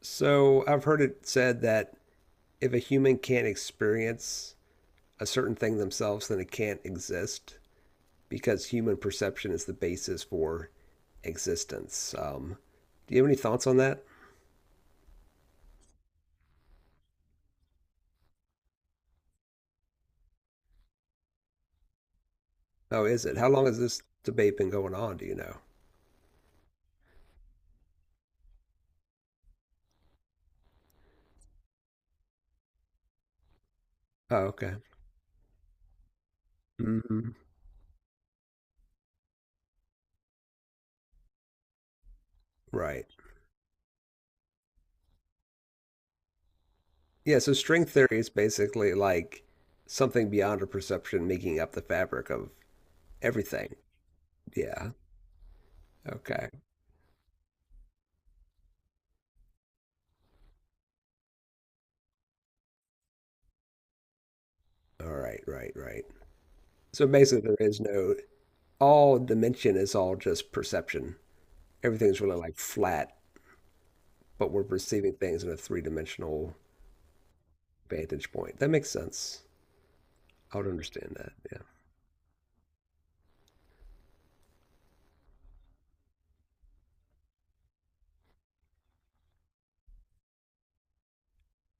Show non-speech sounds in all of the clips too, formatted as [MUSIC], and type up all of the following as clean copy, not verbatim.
So I've heard it said that if a human can't experience a certain thing themselves, then it can't exist because human perception is the basis for existence. Do you have any thoughts on that? Oh, is it? How long has this debate been going on? Do you know? Oh, okay. Hmm. Right. Yeah, so string theory is basically like something beyond our perception making up the fabric of everything. Yeah. Okay. All right, right, right. So basically, there is no all dimension is all just perception. Everything's really like flat, but we're perceiving things in a three dimensional vantage point. That makes sense. I would understand that. Yeah.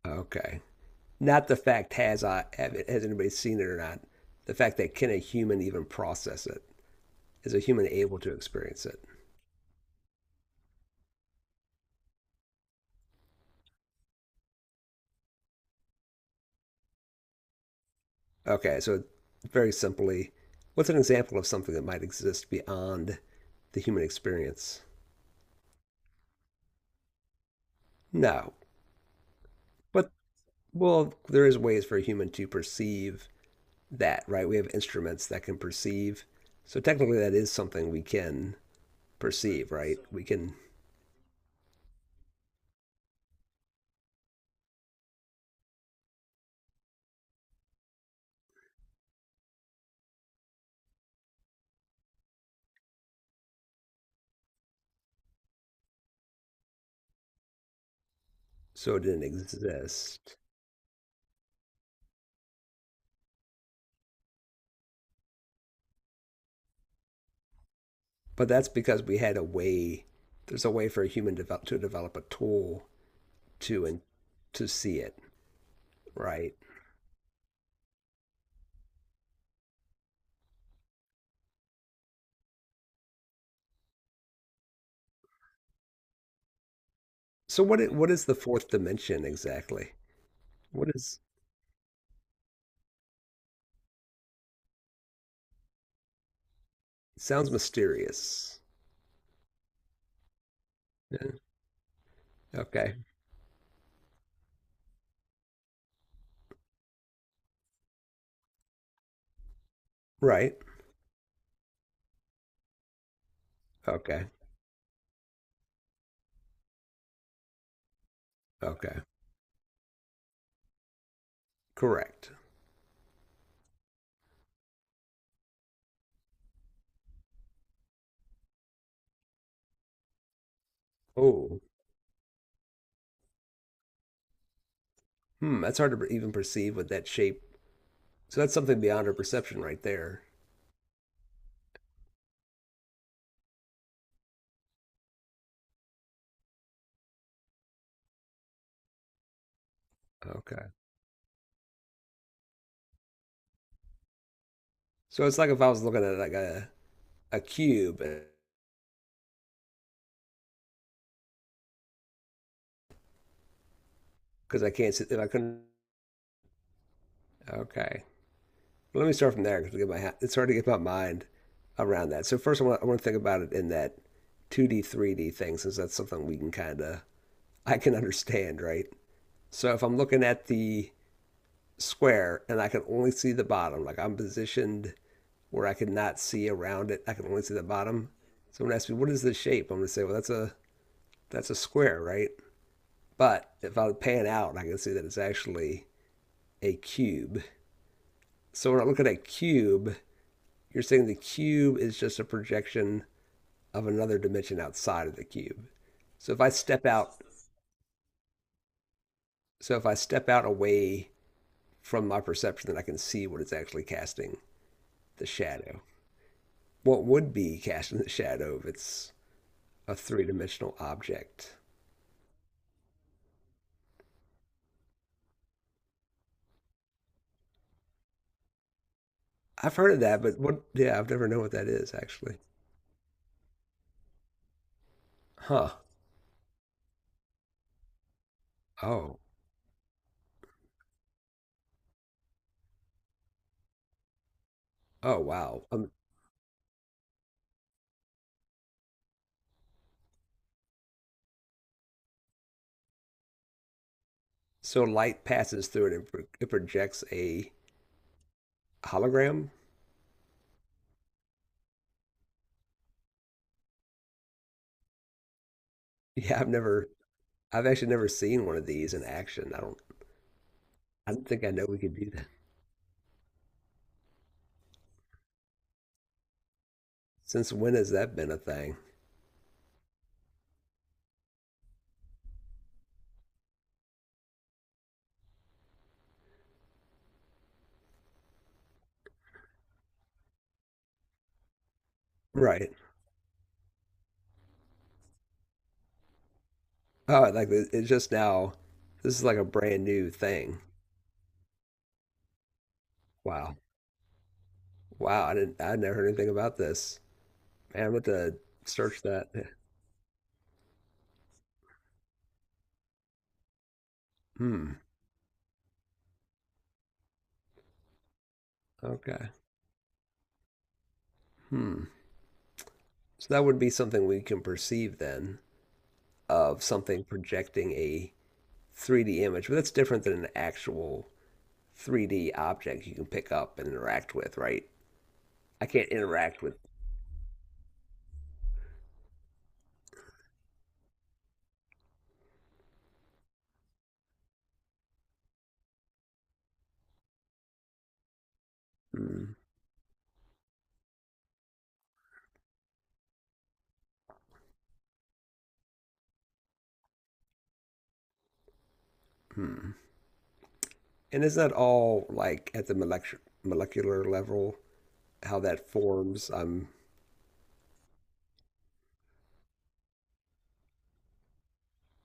Okay. Not the fact has I have it, has anybody seen it or not. The fact that can a human even process it? Is a human able to experience it? Okay. So very simply, what's an example of something that might exist beyond the human experience? No. But well, there is ways for a human to perceive that, right? We have instruments that can perceive. So technically, that is something we can perceive, right? We can. So it didn't exist, but that's because we had a way. There's a way for a human to develop a tool to and to see it, right? So what? What is the fourth dimension exactly? What is? Sounds mysterious. Yeah. Okay. Right. Okay. Okay. Correct. Oh, hmm. That's hard to even perceive with that shape. So that's something beyond our perception right there. Okay. So it's like if I was looking at like a cube because I can't see, if I couldn't. Okay. Well, let me start from there because it's hard to get my mind around that. So first, I want to think about it in that 2D, 3D thing, since that's something we can kind of I can understand, right? So if I'm looking at the square and I can only see the bottom, like I'm positioned where I could not see around it, I can only see the bottom. Someone asked me, "What is the shape?" I'm going to say, "Well, that's a square, right?" But if I would pan out, I can see that it's actually a cube. So when I look at a cube, you're saying the cube is just a projection of another dimension outside of the cube. So if I step out away from my perception, then I can see what it's actually casting, the shadow. What would be casting the shadow if it's a three-dimensional object? I've heard of that, but what, yeah, I've never known what that is actually. Huh. Oh. Oh, wow. So light passes through it and it projects a hologram. [LAUGHS] Yeah, I've actually never seen one of these in action. I don't think I know we could do that. Since when has that been a thing? Right. Oh, like it's just now. This is like a brand new thing. Wow. Wow. I never heard anything about this. Man, I'm going to search that. [LAUGHS] Hmm. Okay. Hmm. So that would be something we can perceive then of something projecting a 3D image, but that's different than an actual 3D objects you can pick up and interact with, right? I can't interact with. Mm-hmm. And is that all like at the molecular level? How that forms? I'm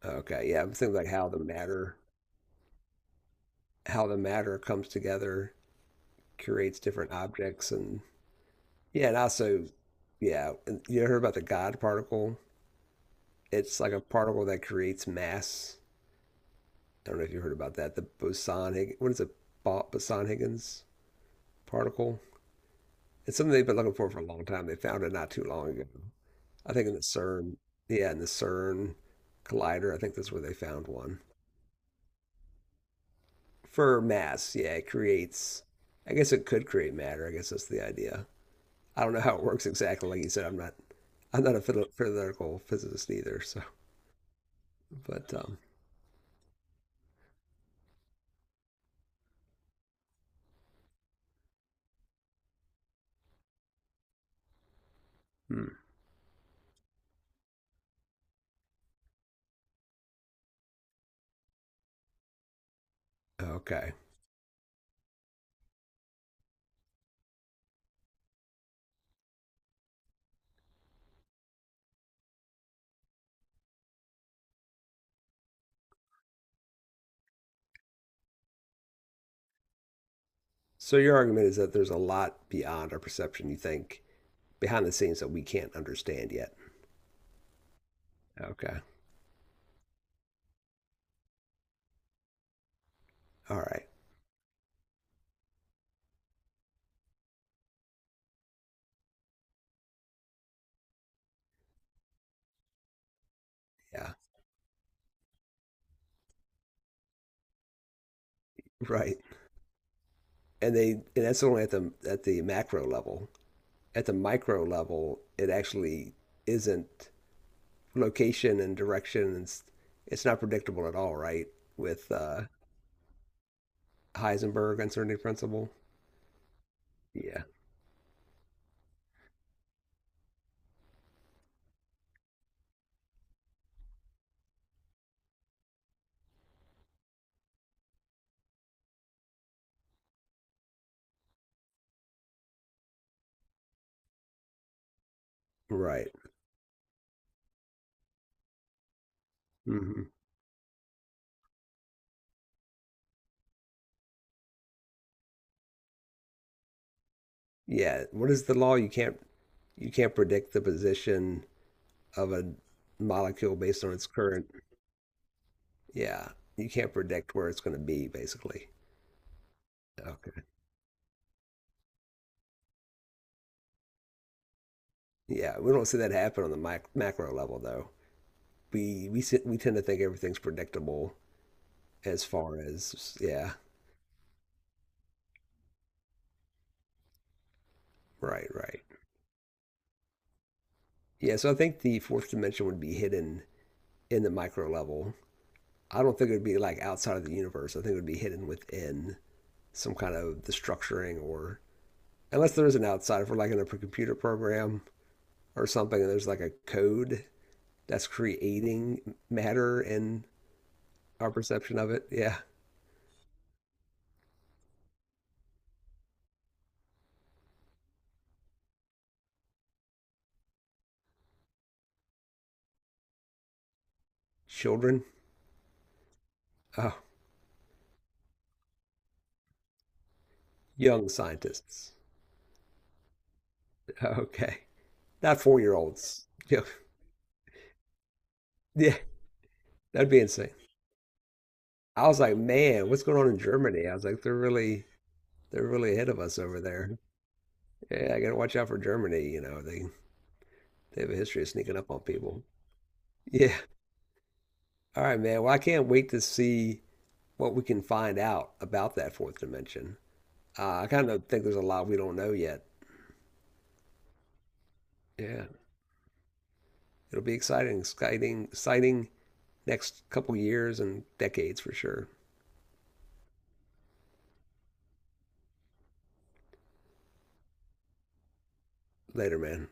okay. Yeah, I'm thinking like how the matter comes together, creates different objects, and yeah, and also, yeah, and you heard about the God particle? It's like a particle that creates mass. I don't know if you heard about that. The boson what is it? Boson Higgins particle. It's something they've been looking for a long time. They found it not too long ago. I think in the CERN, yeah, in the CERN collider, I think that's where they found one. For mass, yeah, it creates, I guess it could create matter. I guess that's the idea. I don't know how it works exactly. Like you said, I'm not a theoretical physicist either. So, but, hmm, okay. So your argument is that there's a lot beyond our perception, you think, behind the scenes that we can't understand yet. Okay. All right. Yeah. Right. And that's only at the macro level. At the micro level, it actually isn't location and direction, and it's not predictable at all, right? With Heisenberg uncertainty principle. Yeah. Right. Hmm. Yeah. What is the law? You can't predict the position of a molecule based on its current. Yeah. You can't predict where it's going to be, basically. Okay. Yeah. We don't see that happen on the mic macro level, though. We tend to think everything's predictable as far as yeah, right, right. Yeah, so I think the fourth dimension would be hidden in the micro level. I don't think it would be like outside of the universe. I think it would be hidden within some kind of the structuring or unless there is an outside, if we're like in a computer program or something and there's like a code that's creating matter and our perception of it. Yeah. Children. Oh, young scientists. [LAUGHS] Okay. Not 4-year olds. [LAUGHS] Yeah. Yeah. That'd be insane. I was like, man, what's going on in Germany? I was like, they're really ahead of us over there. Yeah, I gotta watch out for Germany. They have a history of sneaking up on people. Yeah. All right, man. Well, I can't wait to see what we can find out about that fourth dimension. I kind of think there's a lot we don't know yet. Yeah. It'll be exciting, exciting, exciting next couple years and decades for sure. Later, man.